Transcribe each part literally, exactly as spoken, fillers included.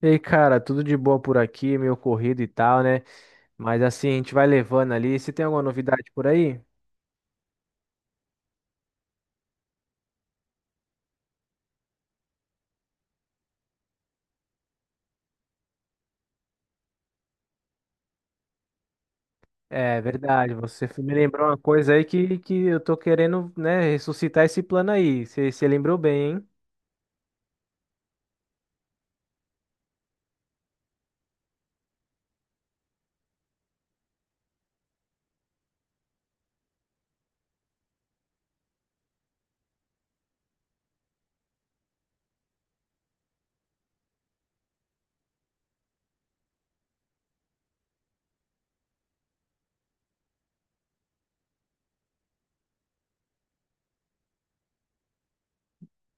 E aí, cara, tudo de boa por aqui, meio corrido e tal, né? Mas assim, a gente vai levando ali. Você tem alguma novidade por aí? É verdade, você me lembrou uma coisa aí que, que eu tô querendo, né, ressuscitar esse plano aí. Você, você lembrou bem, hein?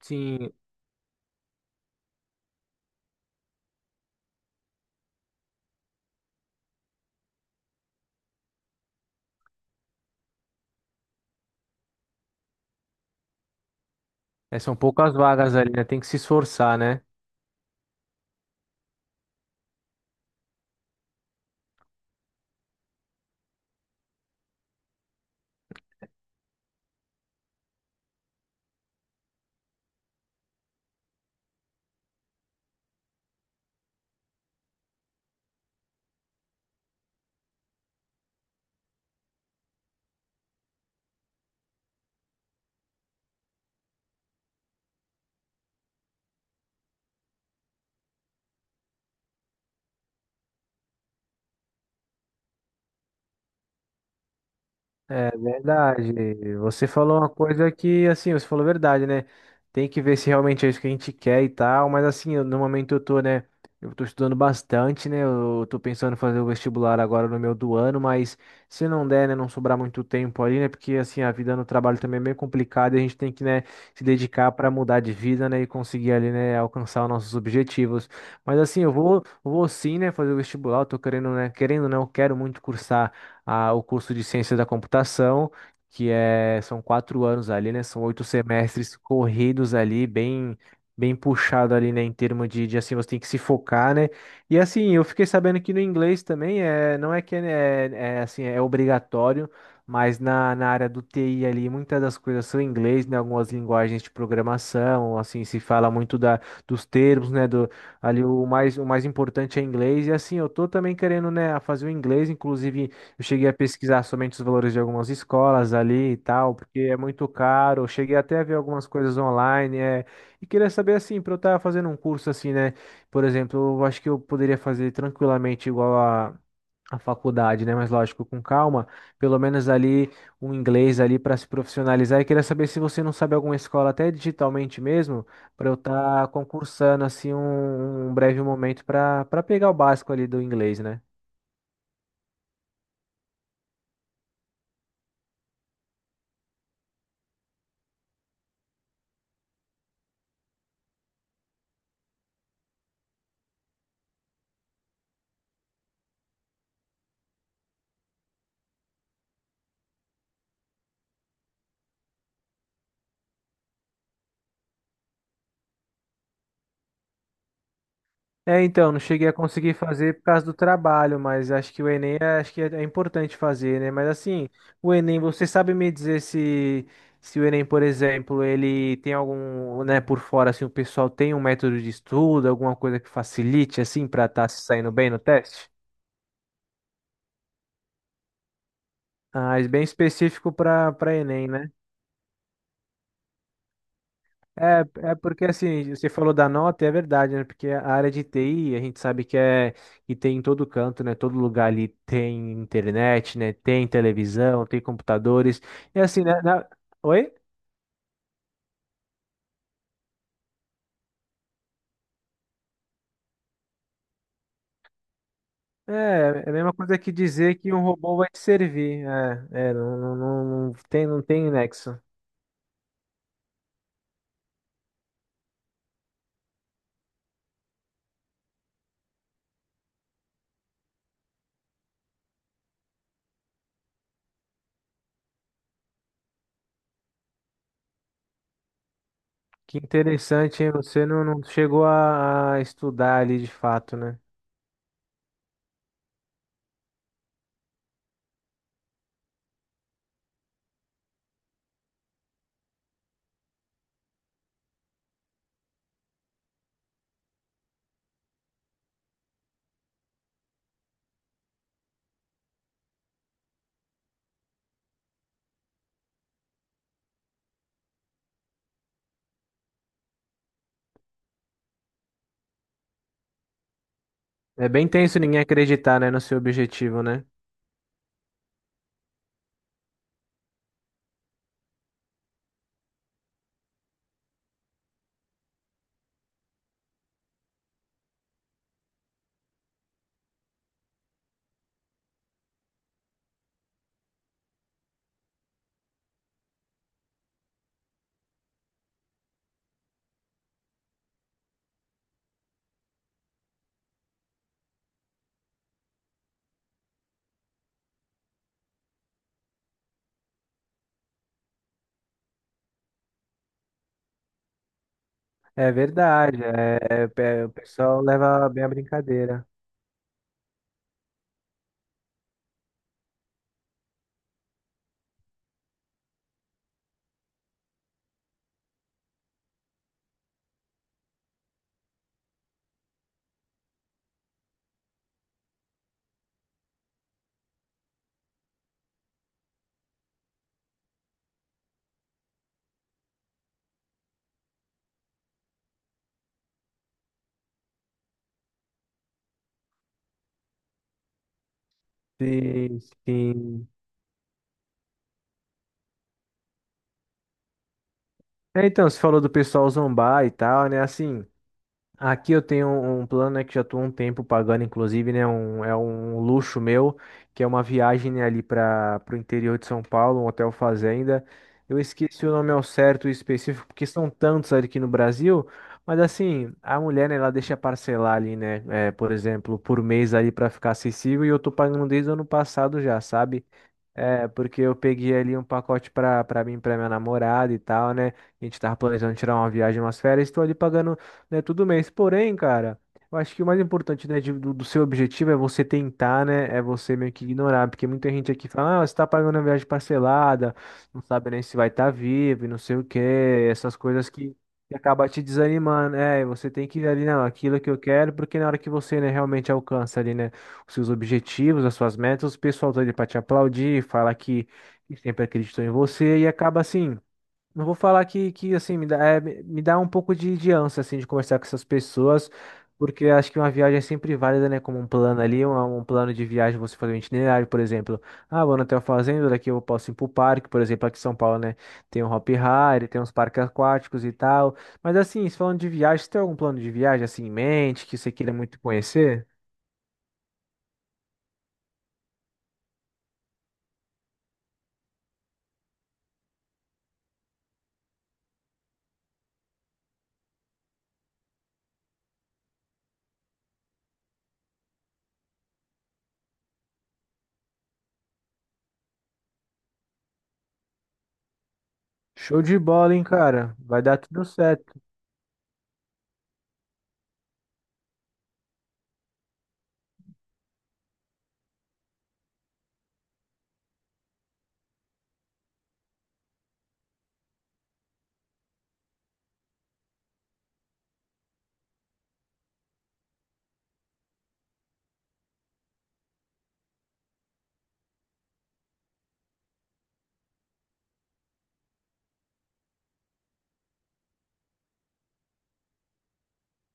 Sim, é, são poucas vagas ali, né? Tem que se esforçar, né? É verdade. Você falou uma coisa que, assim, você falou verdade, né? Tem que ver se realmente é isso que a gente quer e tal, mas assim, eu- no momento eu tô, né? Eu tô estudando bastante, né? Eu tô pensando em fazer o vestibular agora no meu do ano, mas se não der, né, não sobrar muito tempo ali, né? Porque assim, a vida no trabalho também é meio complicada e a gente tem que, né, se dedicar para mudar de vida, né, e conseguir ali, né, alcançar os nossos objetivos. Mas assim, eu vou, vou sim, né, fazer o vestibular, eu tô querendo, né, querendo, não, eu quero muito cursar a- o curso de Ciência da Computação, que é, são quatro anos ali, né? São oito semestres corridos ali, bem, bem puxado ali, né? Em termos de, de, assim, você tem que se focar, né? E assim, eu fiquei sabendo que no inglês também é, não é que é, é é, assim, é obrigatório. Mas na, na área do T I ali, muitas das coisas são em inglês, né? Algumas linguagens de programação, assim, se fala muito da, dos termos, né? Do, ali o mais, o mais importante é inglês. E assim, eu tô também querendo, né, fazer o inglês, inclusive. Eu cheguei a pesquisar somente os valores de algumas escolas ali e tal, porque é muito caro. Eu cheguei até a ver algumas coisas online, é, e queria saber assim, para eu estar fazendo um curso assim, né? Por exemplo, eu acho que eu poderia fazer tranquilamente igual a a faculdade, né? Mas lógico, com calma, pelo menos ali um inglês ali para se profissionalizar. E queria saber se você não sabe alguma escola até digitalmente mesmo, para eu estar concursando assim um, um breve momento para para pegar o básico ali do inglês, né? É, então, não cheguei a conseguir fazer por causa do trabalho, mas acho que o Enem é, acho que é, é importante fazer, né? Mas assim, o Enem, você sabe me dizer se, se o Enem, por exemplo, ele tem algum, né, por fora, assim, o pessoal tem um método de estudo, alguma coisa que facilite, assim, para estar se saindo bem no teste? Ah, é bem específico para para Enem, né? É, é porque assim, você falou da nota, e é verdade, né? Porque a área de T I, a gente sabe que é que tem em todo canto, né? Todo lugar ali tem internet, né? Tem televisão, tem computadores. E assim, né? na- Oi? É, é a mesma coisa que dizer que um robô vai te servir. É, é, não, não, não- não tem, não tem nexo. Que interessante, hein? Você não, não chegou a a estudar ali de fato, né? É bem tenso ninguém acreditar, né, no seu objetivo, né? É verdade, é, pe- o pessoal leva bem a brincadeira. Sim, sim. É, então, você falou do pessoal zombar e tal, né? Assim, aqui eu tenho um um plano, né, que já estou um tempo pagando, inclusive, né, um, é um luxo meu, que é uma viagem, né, ali para o interior de São Paulo, um hotel fazenda. Eu esqueci o nome ao certo e específico, porque são tantos ali aqui no Brasil, mas assim, a mulher, né, ela deixa parcelar ali, né, é, por exemplo, por mês ali para ficar acessível e eu tô pagando desde o ano passado já, sabe? É, porque eu peguei ali um pacote pra, pra mim, e pra minha namorada e tal, né? A gente tava planejando tirar uma viagem, umas férias, estou ali pagando, né, todo mês. Porém, cara, eu acho que o mais importante, né, de- do, do seu objetivo é você tentar, né? É você meio que ignorar, porque muita gente aqui fala, ah, você tá pagando uma viagem parcelada, não sabe nem se vai estar vivo e não sei o quê, essas coisas que. Que acaba te desanimando, é, e você tem que ir ali, não, aquilo que eu quero, porque na hora que você, né, realmente alcança ali, né, seus objetivos, as suas metas, o pessoal tá ali pra te aplaudir, fala que sempre acreditou em você e acaba assim. Não vou falar que, que assim, me dá, é, me me dá um pouco de, de ânsia, assim, de conversar com essas pessoas, porque eu acho que uma viagem é sempre válida, né? Como um plano ali, um, um plano de viagem, você fazer um itinerário, por exemplo. Ah, vou no Hotel Fazenda, daqui eu posso ir pro parque, por exemplo, aqui em São Paulo, né? Tem um Hop Hari, tem uns parques aquáticos e tal. Mas assim, se falando de viagem, você tem algum plano de viagem, assim, em mente, que você queira muito conhecer? Show de bola, hein, cara? Vai dar tudo certo.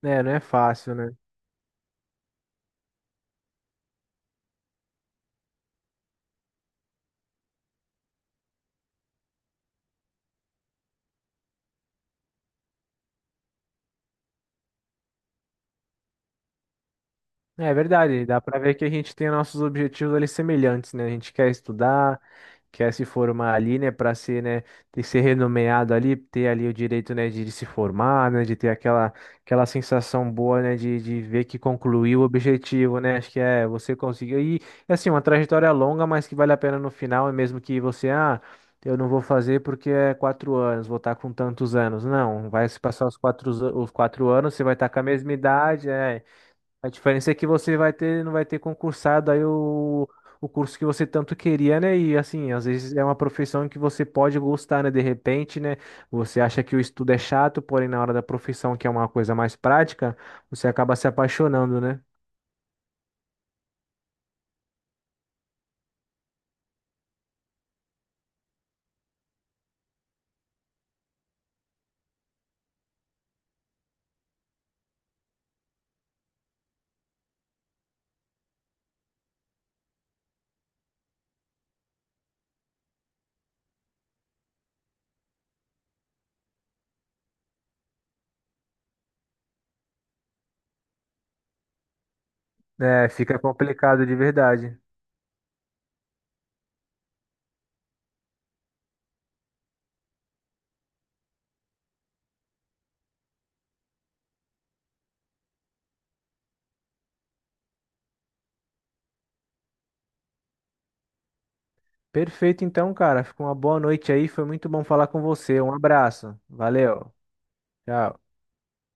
É, não é fácil, né? É verdade, dá pra ver que a gente tem nossos objetivos ali semelhantes, né? A gente quer estudar, quer se formar ali, né, pra ser, né, ter ser renomeado ali, ter ali o direito, né, de, de se formar, né, de ter aquela aquela sensação boa, né, de, de ver que concluiu o objetivo, né? Acho que é você conseguiu e assim, uma trajetória longa, mas que vale a pena no final, e mesmo que você ah, eu não vou fazer porque é quatro anos, vou estar com tantos anos. Não, vai se passar os quatro, os quatro anos, você vai estar com a mesma idade, é. A diferença é que você vai ter, não vai ter concursado aí o, o curso que você tanto queria, né? E assim, às vezes é uma profissão que você pode gostar, né? De repente, né? Você acha que o estudo é chato, porém na hora da profissão, que é uma coisa mais prática, você acaba se apaixonando, né? É, fica complicado de verdade. Perfeito, então, cara. Fica uma boa noite aí. Foi muito bom falar com você. Um abraço. Valeu. Tchau.